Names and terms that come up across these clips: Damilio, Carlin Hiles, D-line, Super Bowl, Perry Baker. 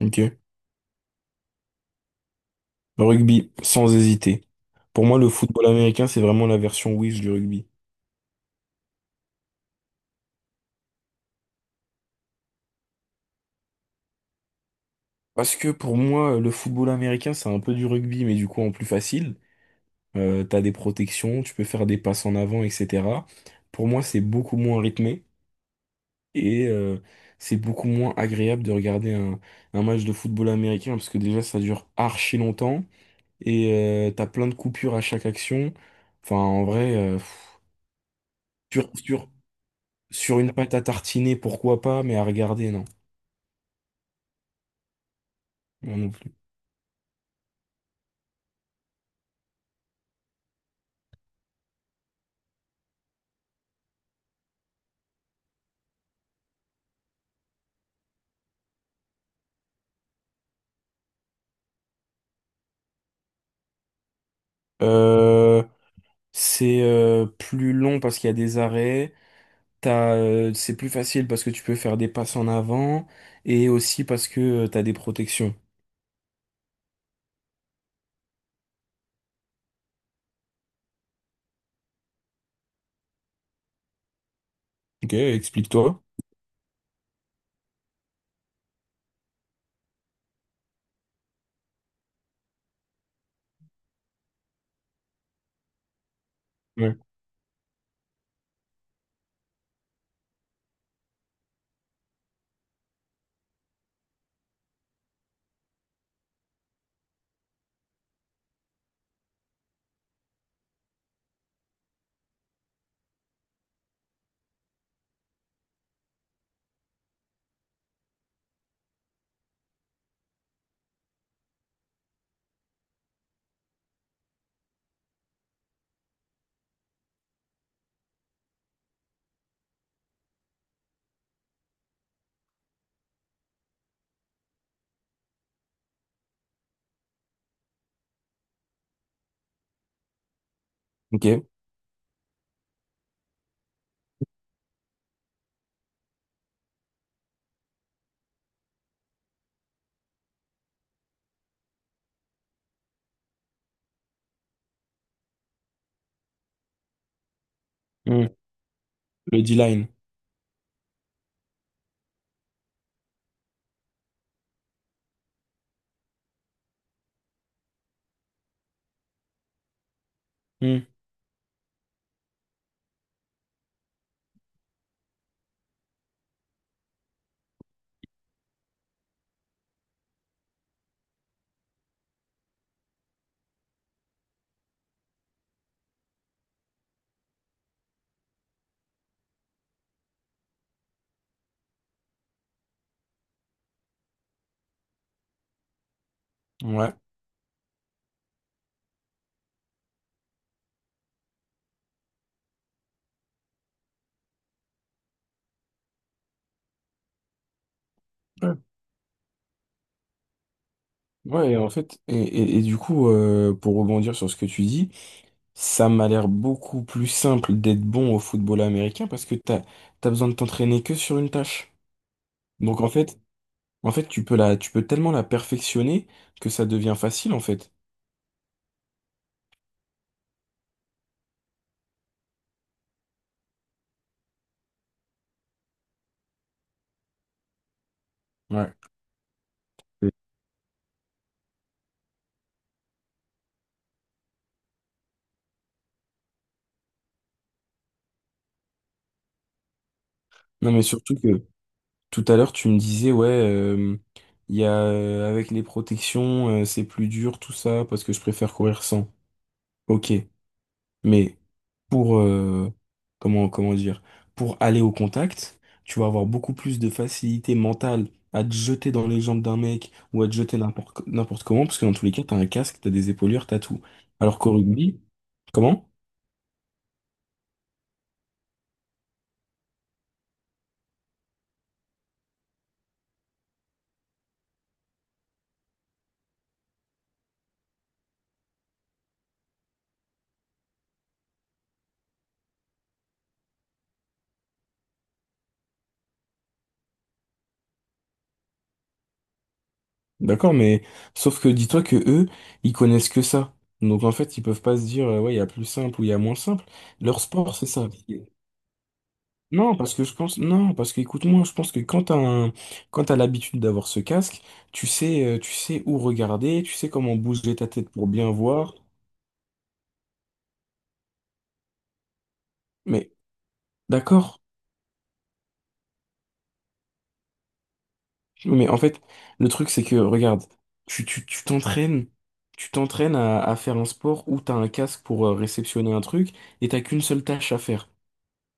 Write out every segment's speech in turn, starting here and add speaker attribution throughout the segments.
Speaker 1: Ok. Le rugby, sans hésiter. Pour moi, le football américain, c'est vraiment la version Wish du rugby. Parce que pour moi, le football américain, c'est un peu du rugby, mais du coup en plus facile. T'as des protections, tu peux faire des passes en avant, etc. Pour moi, c'est beaucoup moins rythmé et c'est beaucoup moins agréable de regarder un match de football américain parce que déjà, ça dure archi longtemps et t'as plein de coupures à chaque action. Enfin, en vrai, sur, sur, sur une pâte à tartiner, pourquoi pas, mais à regarder, non. Moi non plus. Euh, c'est plus long parce qu'il y a des arrêts. C'est plus facile parce que tu peux faire des passes en avant et aussi parce que tu t'as des protections. Ok, explique-toi. Ouais. Ok. Mm. Le D-line. Mm. Ouais. Ouais. Ouais, et en fait, et du coup, pour rebondir sur ce que tu dis, ça m'a l'air beaucoup plus simple d'être bon au football américain parce que t'as besoin de t'entraîner que sur une tâche. Donc en fait, En fait, tu peux tu peux tellement la perfectionner que ça devient facile, en fait. Ouais. Non, mais surtout que tout à l'heure, tu me disais, ouais, il y a, avec les protections, c'est plus dur, tout ça, parce que je préfère courir sans. Ok, mais pour, comment dire, pour aller au contact, tu vas avoir beaucoup plus de facilité mentale à te jeter dans les jambes d'un mec ou à te jeter n'importe comment, parce que dans tous les cas, t'as un casque, t'as des épaulières, t'as tout. Alors qu'au rugby, comment? D'accord, mais sauf que dis-toi que eux, ils connaissent que ça. Donc en fait, ils peuvent pas se dire ouais, il y a plus simple ou il y a moins simple. Leur sport, c'est ça. Non, parce que je pense Non, parce que écoute-moi, je pense que quand quand t'as l'habitude d'avoir ce casque, tu sais où regarder, tu sais comment bouger ta tête pour bien voir. Mais d'accord. Mais en fait, le truc c'est que regarde, tu t'entraînes. Tu t'entraînes à faire un sport où t'as un casque pour réceptionner un truc et t'as qu'une seule tâche à faire.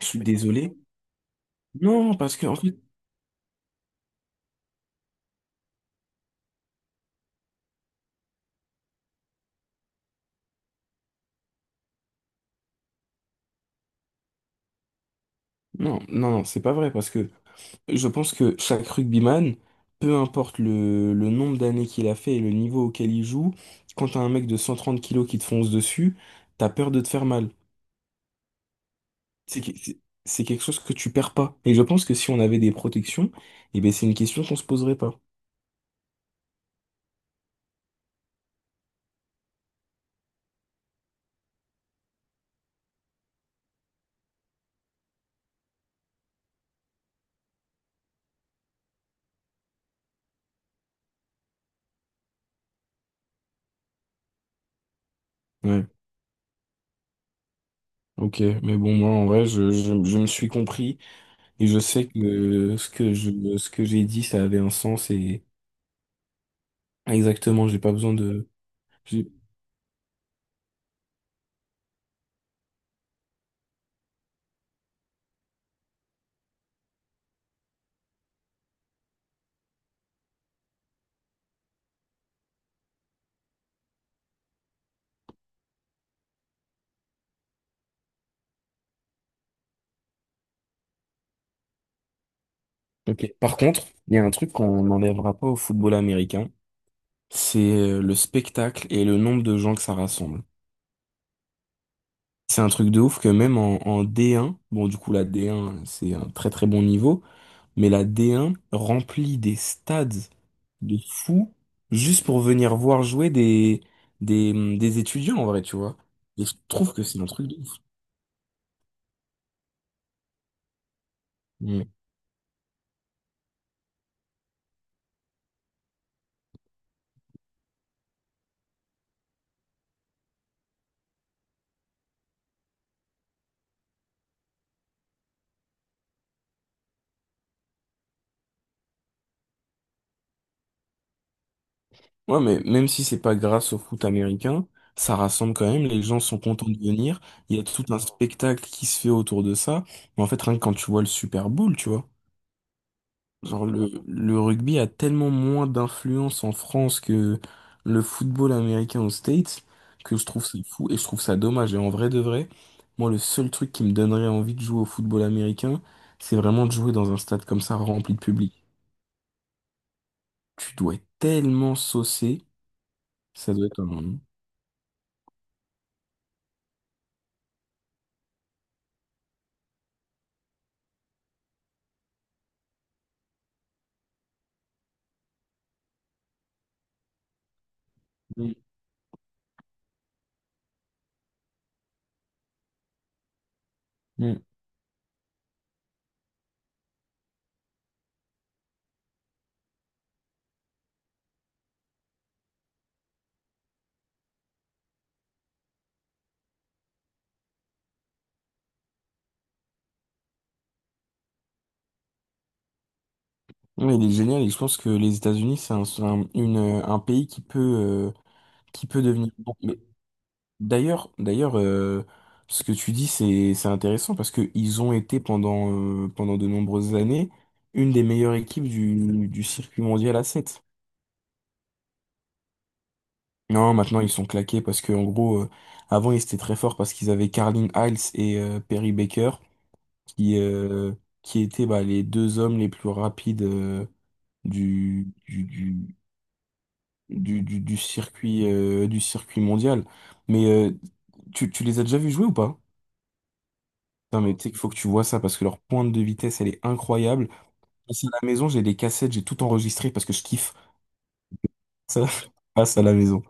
Speaker 1: Je suis désolé, non, parce que en fait, non, c'est pas vrai, parce que je pense que chaque rugbyman, peu importe le nombre d'années qu'il a fait et le niveau auquel il joue, quand t'as un mec de 130 kilos qui te fonce dessus, t'as peur de te faire mal. C'est que- c'est- c'est quelque chose que tu perds pas. Et je pense que si on avait des protections, eh ben c'est une question qu'on se poserait pas. Ouais, ok, mais bon, moi en vrai, je me suis compris et je sais que ce que j'ai dit, ça avait un sens et exactement, j'ai pas besoin de. Ok. Par contre, il y a un truc qu'on n'enlèvera pas au football américain, c'est le spectacle et le nombre de gens que ça rassemble. C'est un truc de ouf que même en D1, bon du coup la D1 c'est un très très bon niveau, mais la D1 remplit des stades de fous juste pour venir voir jouer des étudiants en vrai, tu vois. Et je trouve que c'est un truc de ouf. Ouais, mais même si c'est pas grâce au foot américain, ça rassemble quand même, les gens sont contents de venir, il y a tout un spectacle qui se fait autour de ça, mais en fait, rien que quand tu vois le Super Bowl, tu vois, genre le rugby a tellement moins d'influence en France que le football américain aux States, que je trouve ça fou et je trouve ça dommage, et en vrai de vrai, moi, le seul truc qui me donnerait envie de jouer au football américain, c'est vraiment de jouer dans un stade comme ça, rempli de public. Tu dois être tellement saucé, ça doit être un... Mm. Oui, il est génial et je pense que les États-Unis, c'est un pays qui peut devenir bon. Mais d'ailleurs, ce que tu dis, c'est intéressant parce que ils ont été pendant, pendant de nombreuses années une des meilleures équipes du circuit mondial à sept. Non, maintenant ils sont claqués parce que en gros, avant ils étaient très forts parce qu'ils avaient Carlin Hiles et Perry Baker qui, euh, qui étaient bah, les deux hommes les plus rapides du, du, du circuit mondial. Mais tu les as déjà vus jouer ou pas? Non mais tu sais qu'il faut que tu vois ça parce que leur pointe de vitesse, elle est incroyable. Passe à la maison, j'ai des cassettes, j'ai tout enregistré parce que je kiffe. Ça, passe à la maison.